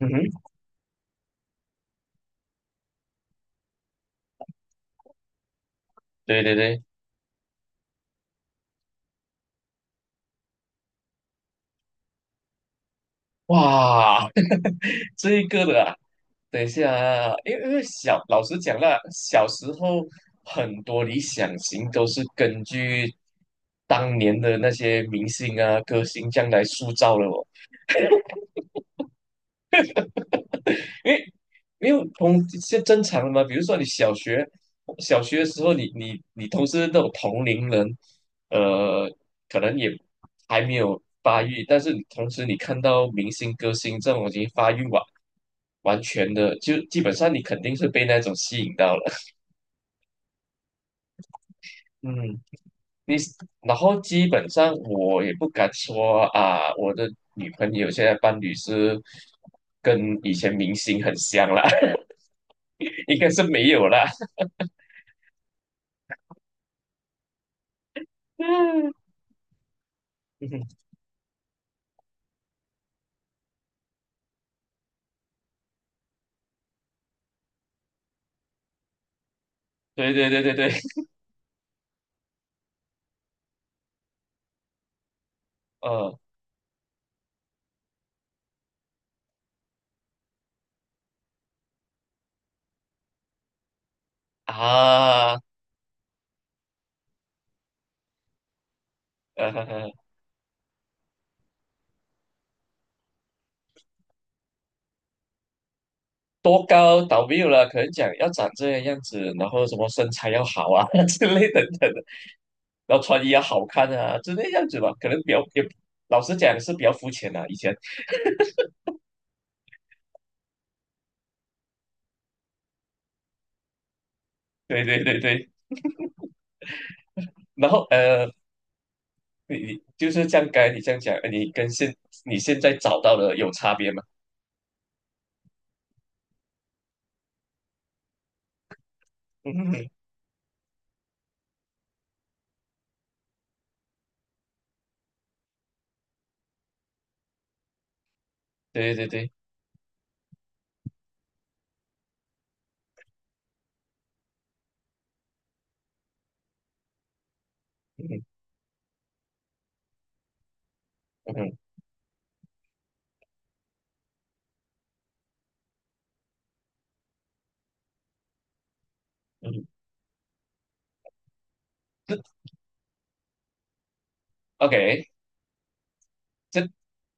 嗯哼，对对对，哇，这一个的啊，等一下啊，因为小，老实讲啦，小时候很多理想型都是根据当年的那些明星啊、歌星这样来塑造了哦。因为因为同是正常的嘛，比如说你小学的时候你，你同时那种同龄人，呃，可能也还没有发育，但是你同时你看到明星歌星这种已经发育完全的，就基本上你肯定是被那种吸引到了。嗯，你然后基本上我也不敢说啊，我的女朋友现在伴侣是跟以前明星很像啦，应该是没有啦。对对对对对，嗯啊，呵呵多高倒没有了，可能讲要长这个样子，然后什么身材要好啊 之类等等的，然后穿衣要好看啊之类样子吧，可能比较也老实讲是比较肤浅的、以前对对对对，然后你就是这样，刚才你这样讲，你现在找到的有差别吗？嗯哼对对对，嗯哼嗯哼嗯，这 OK，这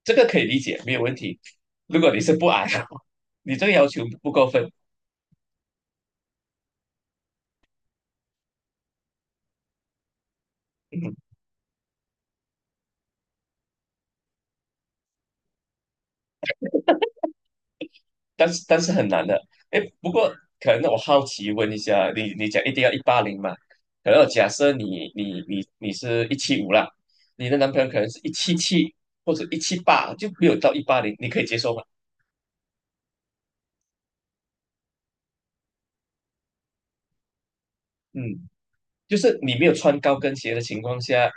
这个可以理解，没有问题。如果你是不矮，你这个要求不过分。嗯，但是很难的。哎，不过可能我好奇问一下，你讲一定要一八零嘛？可能假设你是一七五啦，你的男朋友可能是177或者178，就没有到一八零，你可以接受吗？嗯，就是你没有穿高跟鞋的情况下，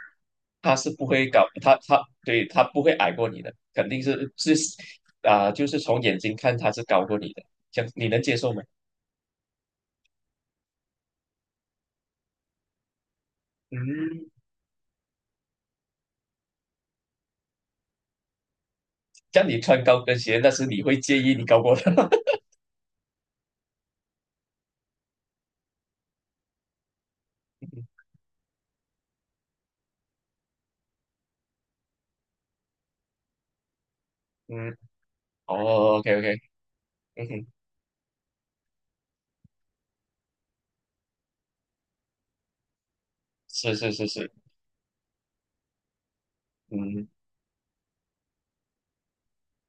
他是不会搞他他对他不会矮过你的，肯定是啊、就是从眼睛看他是高过你的，这样你能接受吗？嗯，这样你穿高跟鞋，那是你会介意你高过他。嗯，哦，OK OK，嗯哼，是是是是，嗯，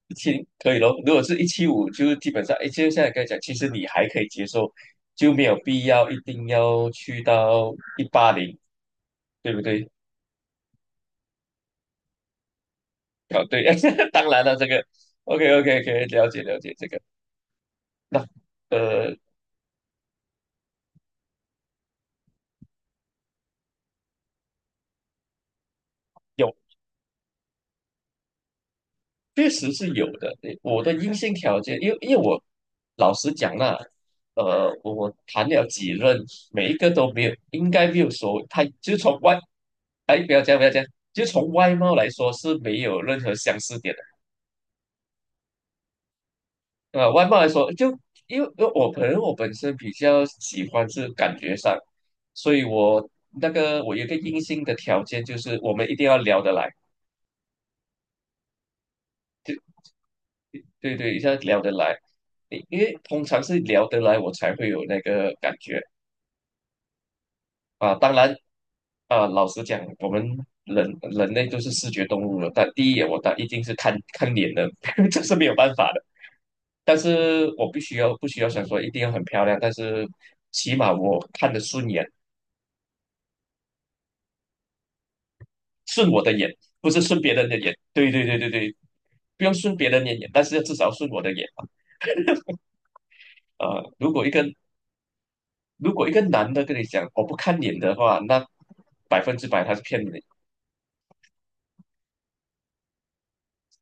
一七可以咯。如果是一七五，就是基本上，哎，就现在跟你刚才讲，其实你还可以接受，就没有必要一定要去到一八零，对不对？哦，对，当然了，这个 OK OK 可以了解了解这个。那呃，有。确实是有的。我的硬性条件，因为我老实讲啦，我谈了几任，每一个都没有，应该没有说，他就从外，哎，不要这样，不要这样，就从外貌来说是没有任何相似点的。外貌来说，就因为我可能我本身比较喜欢是感觉上，所以我那个我有一个硬性的条件就是我们一定要聊得来。对对，一下聊得来，因为通常是聊得来，我才会有那个感觉啊。当然啊，老实讲，我们人类都是视觉动物了，但第一眼我当一定是看看脸的，这是没有办法的。但是我必须要不需要想说一定要很漂亮，但是起码我看得顺眼，顺我的眼，不是顺别人的眼。对对对对对，不用顺别人的眼，但是至少顺我的眼。啊，如果一个男的跟你讲我不看脸的话，那100%他是骗你的。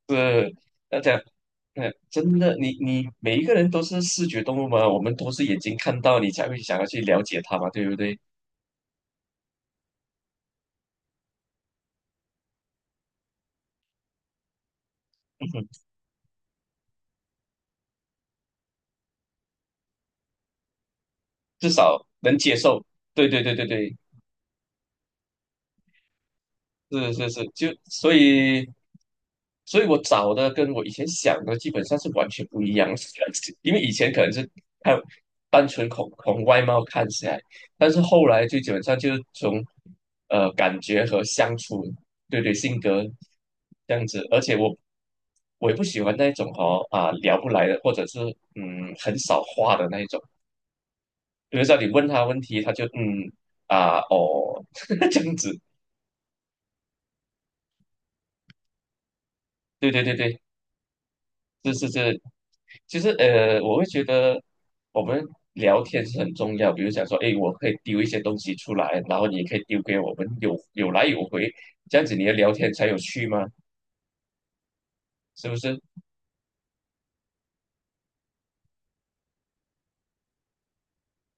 是要讲，嗯，真的，你每一个人都是视觉动物嘛，我们都是眼睛看到，你才会想要去了解他嘛，对不对？至少能接受。对对对对对，是是是，就所以，所以我找的跟我以前想的基本上是完全不一样的，因为以前可能是看单纯从外貌看起来，但是后来就基本上就是从感觉和相处，对对，性格这样子，而且我也不喜欢那种哦啊聊不来的，或者是嗯很少话的那一种，比如说你问他问题，他就嗯啊哦 这样子，对对对对。是是是，其实我会觉得我们聊天是很重要。比如想说，哎，我可以丢一些东西出来，然后你也可以丢给我们，有来有回，这样子你的聊天才有趣嘛，是不是？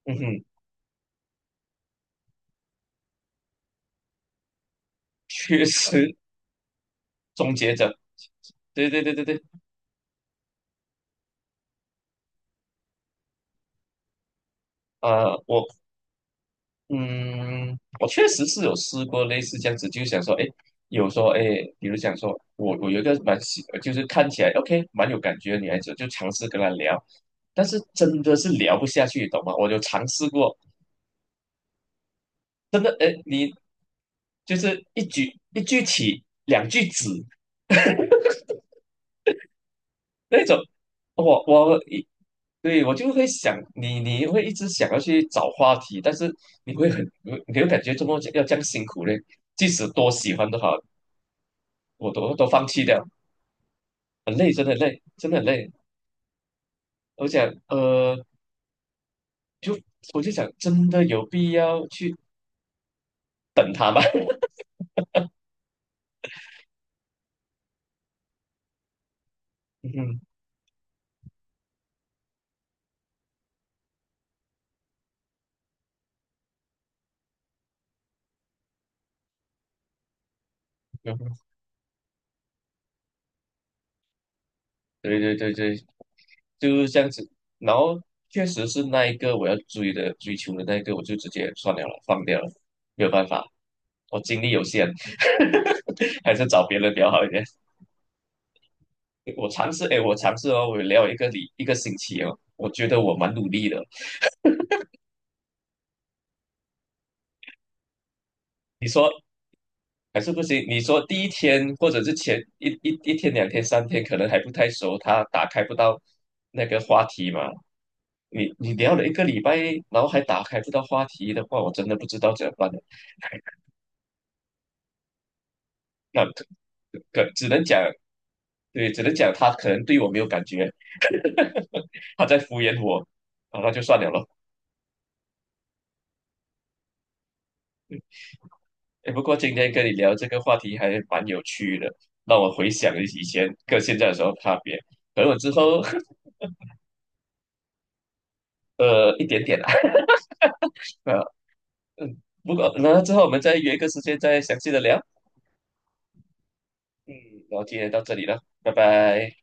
嗯哼，缺失 终结者，对对对对对，啊、我嗯，我确实是有试过类似这样子，就是想说，哎，有说，哎，比如讲说，我有一个就是看起来 OK 蛮有感觉的女孩子，就尝试跟她聊，但是真的是聊不下去，懂吗？我就尝试过，真的，哎，你就是一句一句起，两句止那种，我我一，对我就会想你，你会一直想要去找话题，但是你会很，你会感觉怎么要这样辛苦嘞，即使多喜欢都好，我都放弃掉了。很累，真的累，真的很累。我想，就我就想，真的有必要去等他吗？嗯，对对对对，就是这样子。然后确实是那一个我要追求的那一个，我就直接算了，放掉了，没有办法，我精力有限，还是找别人比较好一点。我尝试，哎，我尝试哦，我聊一个星期哦，我觉得我蛮努力的。你说还是不行。你说第一天或者是前一天、两天、三天，可能还不太熟，他打开不到那个话题嘛。你聊了一个礼拜，然后还打开不到话题的话，我真的不知道怎么办了。那可可只能讲，对，只能讲他可能对我没有感觉，他在敷衍我，啊，那就算了咯。哎，不过今天跟你聊这个话题还蛮有趣的，让我回想以前跟现在有什么差别。可能我之后 一点点啦，嗯，不过然后之后我们再约一个时间再详细的聊。嗯，然后今天到这里了，拜拜。